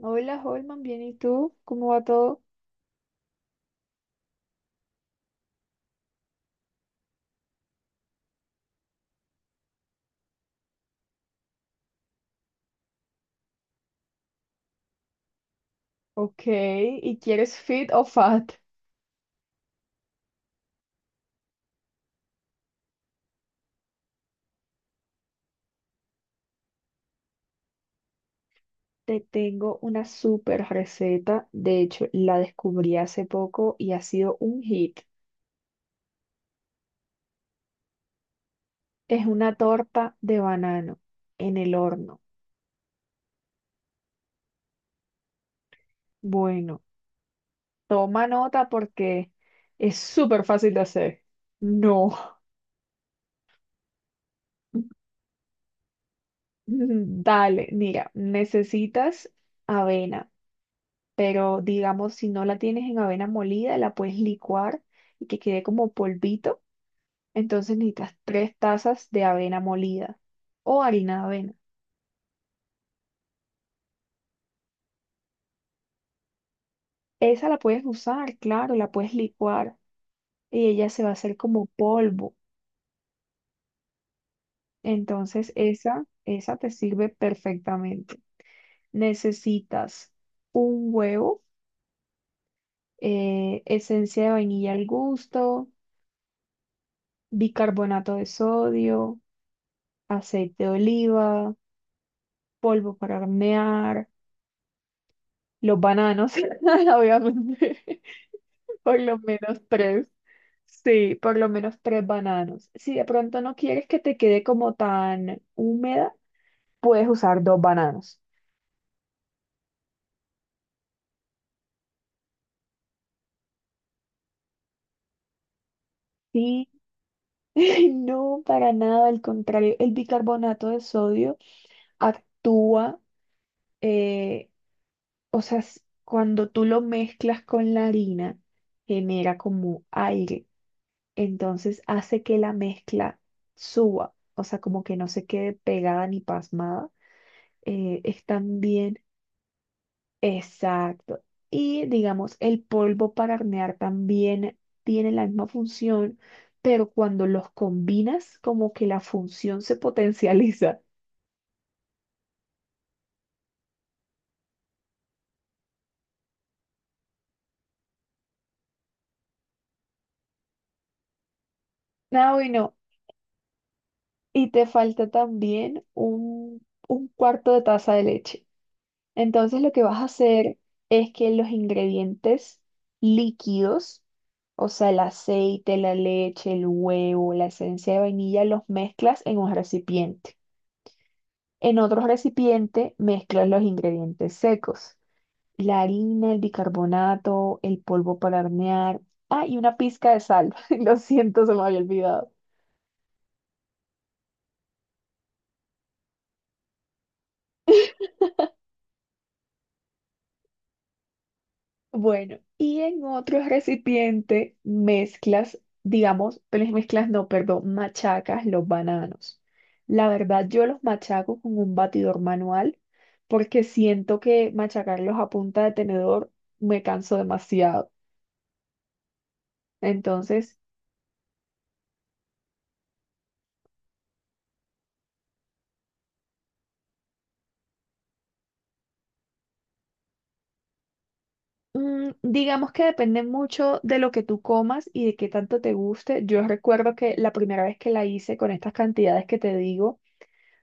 Hola, Holman, bien, ¿y tú? ¿Cómo va todo? Ok, ¿y quieres fit o fat? Te tengo una super receta, de hecho la descubrí hace poco y ha sido un hit. Es una torta de banano en el horno. Bueno, toma nota porque es súper fácil de hacer. No, dale, mira, necesitas avena. Pero digamos, si no la tienes en avena molida, la puedes licuar y que quede como polvito. Entonces necesitas 3 tazas de avena molida o harina de avena. Esa la puedes usar, claro, la puedes licuar y ella se va a hacer como polvo. Entonces esa te sirve perfectamente. Necesitas un huevo, esencia de vainilla al gusto, bicarbonato de sodio, aceite de oliva, polvo para hornear, los bananos, obviamente, por lo menos tres. Sí, por lo menos tres bananos. Si de pronto no quieres que te quede como tan húmeda, puedes usar dos bananos. Sí, no, para nada, al contrario, el bicarbonato de sodio actúa, eh, o sea, cuando tú lo mezclas con la harina, genera como aire, entonces hace que la mezcla suba, o sea, como que no se quede pegada ni pasmada, es también, exacto. Y digamos, el polvo para hornear también tiene la misma función, pero cuando los combinas, como que la función se potencializa. Ah, bueno, y te falta también un cuarto de taza de leche. Entonces lo que vas a hacer es que los ingredientes líquidos, o sea, el aceite, la leche, el huevo, la esencia de vainilla, los mezclas en un recipiente. En otro recipiente mezclas los ingredientes secos, la harina, el bicarbonato, el polvo para hornear, ah, y una pizca de sal. Lo siento, se me había olvidado. Bueno, y en otro recipiente mezclas, digamos, pero mezclas no, perdón, machacas los bananos. La verdad, yo los machaco con un batidor manual porque siento que machacarlos a punta de tenedor me canso demasiado. Entonces, digamos que depende mucho de lo que tú comas y de qué tanto te guste. Yo recuerdo que la primera vez que la hice con estas cantidades que te digo,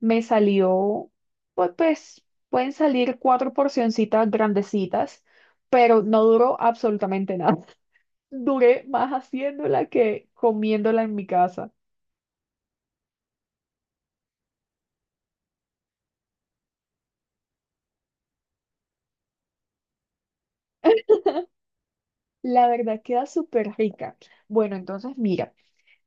me salió, pues pueden salir cuatro porcioncitas grandecitas, pero no duró absolutamente nada. Duré más haciéndola que comiéndola en mi casa. La verdad queda súper rica. Bueno, entonces mira.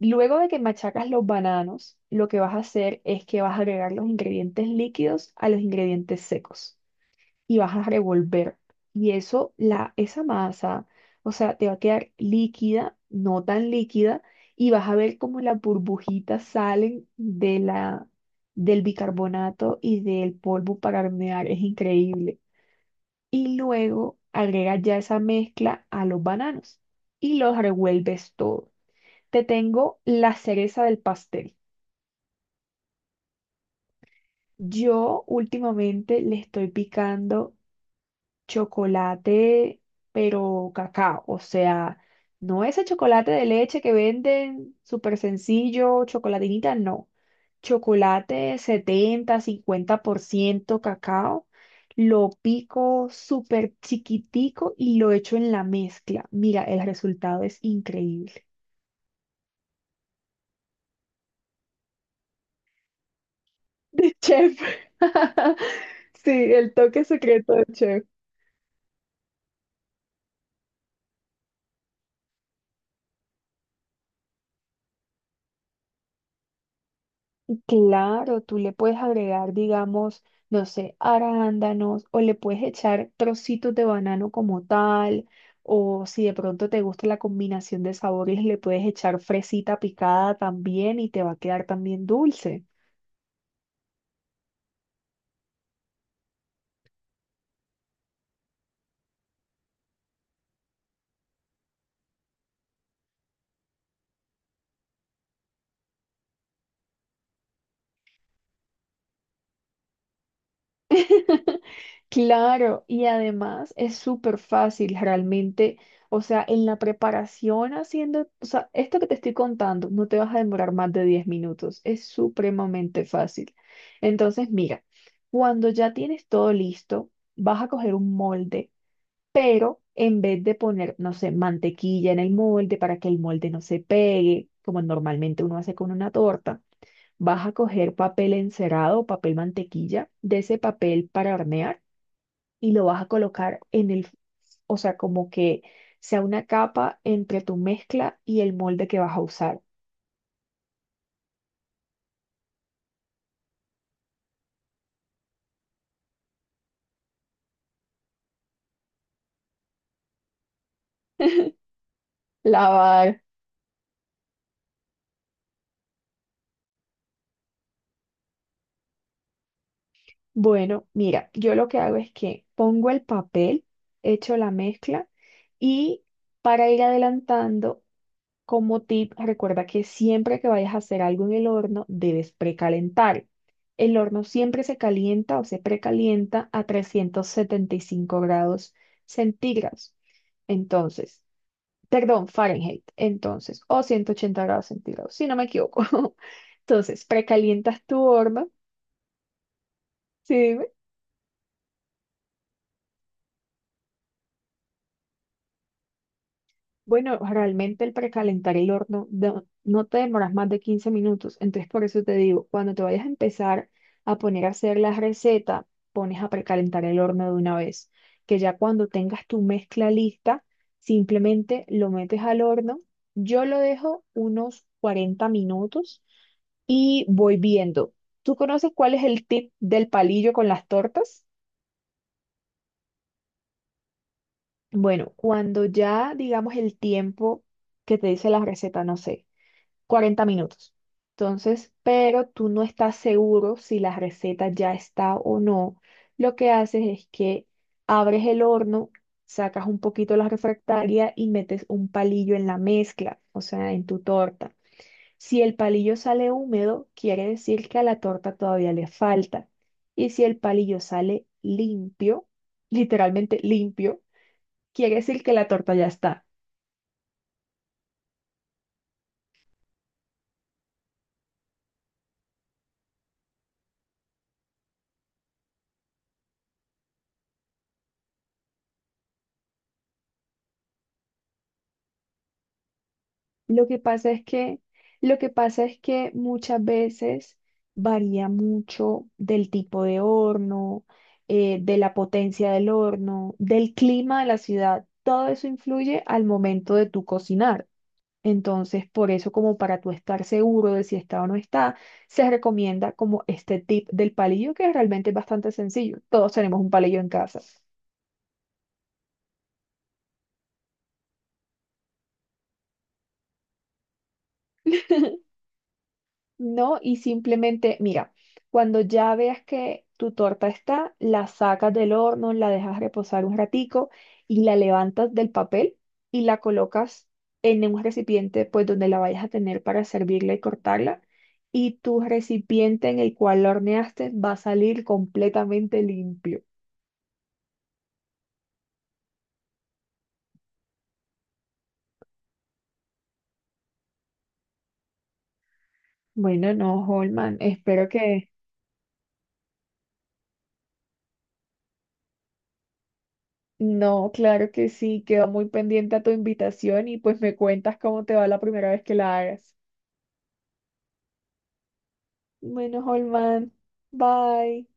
Luego de que machacas los bananos, lo que vas a hacer es que vas a agregar los ingredientes líquidos a los ingredientes secos y vas a revolver. Y eso, esa masa, o sea, te va a quedar líquida, no tan líquida, y vas a ver cómo las burbujitas salen del bicarbonato y del polvo para hornear. Es increíble. Y luego agregas ya esa mezcla a los bananos y los revuelves todo. Te tengo la cereza del pastel. Yo últimamente le estoy picando chocolate, pero cacao, o sea, no ese chocolate de leche que venden súper sencillo, chocolatinita, no. Chocolate 70%, 50% cacao, lo pico súper chiquitico y lo echo en la mezcla. Mira, el resultado es increíble. De chef. Sí, el toque secreto de chef. Claro, tú le puedes agregar, digamos, no sé, arándanos, o le puedes echar trocitos de banano como tal, o si de pronto te gusta la combinación de sabores, le puedes echar fresita picada también y te va a quedar también dulce. Claro, y además es súper fácil realmente, o sea, en la preparación haciendo, o sea, esto que te estoy contando, no te vas a demorar más de 10 minutos, es supremamente fácil. Entonces, mira, cuando ya tienes todo listo, vas a coger un molde, pero en vez de poner, no sé, mantequilla en el molde para que el molde no se pegue, como normalmente uno hace con una torta, vas a coger papel encerado o papel mantequilla, de ese papel para hornear, y lo vas a colocar en el, o sea, como que sea una capa entre tu mezcla y el molde que vas a usar. Lavar. Bueno, mira, yo lo que hago es que pongo el papel, echo la mezcla y, para ir adelantando, como tip, recuerda que siempre que vayas a hacer algo en el horno, debes precalentar. El horno siempre se calienta o se precalienta a 375 grados centígrados. Entonces, perdón, Fahrenheit, entonces, o 180 grados centígrados, si no me equivoco. Entonces, precalientas tu horno, ¿sí? Bueno, realmente el precalentar el horno no te demoras más de 15 minutos, entonces por eso te digo, cuando te vayas a empezar a poner a hacer la receta, pones a precalentar el horno de una vez, que ya cuando tengas tu mezcla lista, simplemente lo metes al horno. Yo lo dejo unos 40 minutos y voy viendo. ¿Tú conoces cuál es el tip del palillo con las tortas? Bueno, cuando ya digamos el tiempo que te dice la receta, no sé. 40 minutos. Entonces, pero tú no estás seguro si la receta ya está o no. Lo que haces es que abres el horno, sacas un poquito la refractaria y metes un palillo en la mezcla, o sea, en tu torta. Si el palillo sale húmedo, quiere decir que a la torta todavía le falta. Y si el palillo sale limpio, literalmente limpio, quiere decir que la torta ya está. Lo que pasa es que, lo que pasa es que muchas veces varía mucho del tipo de horno, de la potencia del horno, del clima de la ciudad. Todo eso influye al momento de tu cocinar. Entonces, por eso, como para tú estar seguro de si está o no está, se recomienda como este tip del palillo, que realmente es bastante sencillo. Todos tenemos un palillo en casa. No, y simplemente, mira, cuando ya veas que tu torta está, la sacas del horno, la dejas reposar un ratico y la levantas del papel y la colocas en un recipiente, pues donde la vayas a tener para servirla y cortarla. Y tu recipiente en el cual la horneaste va a salir completamente limpio. Bueno, no, Holman, espero que... No, claro que sí, quedo muy pendiente a tu invitación y pues me cuentas cómo te va la primera vez que la hagas. Bueno, Holman, bye.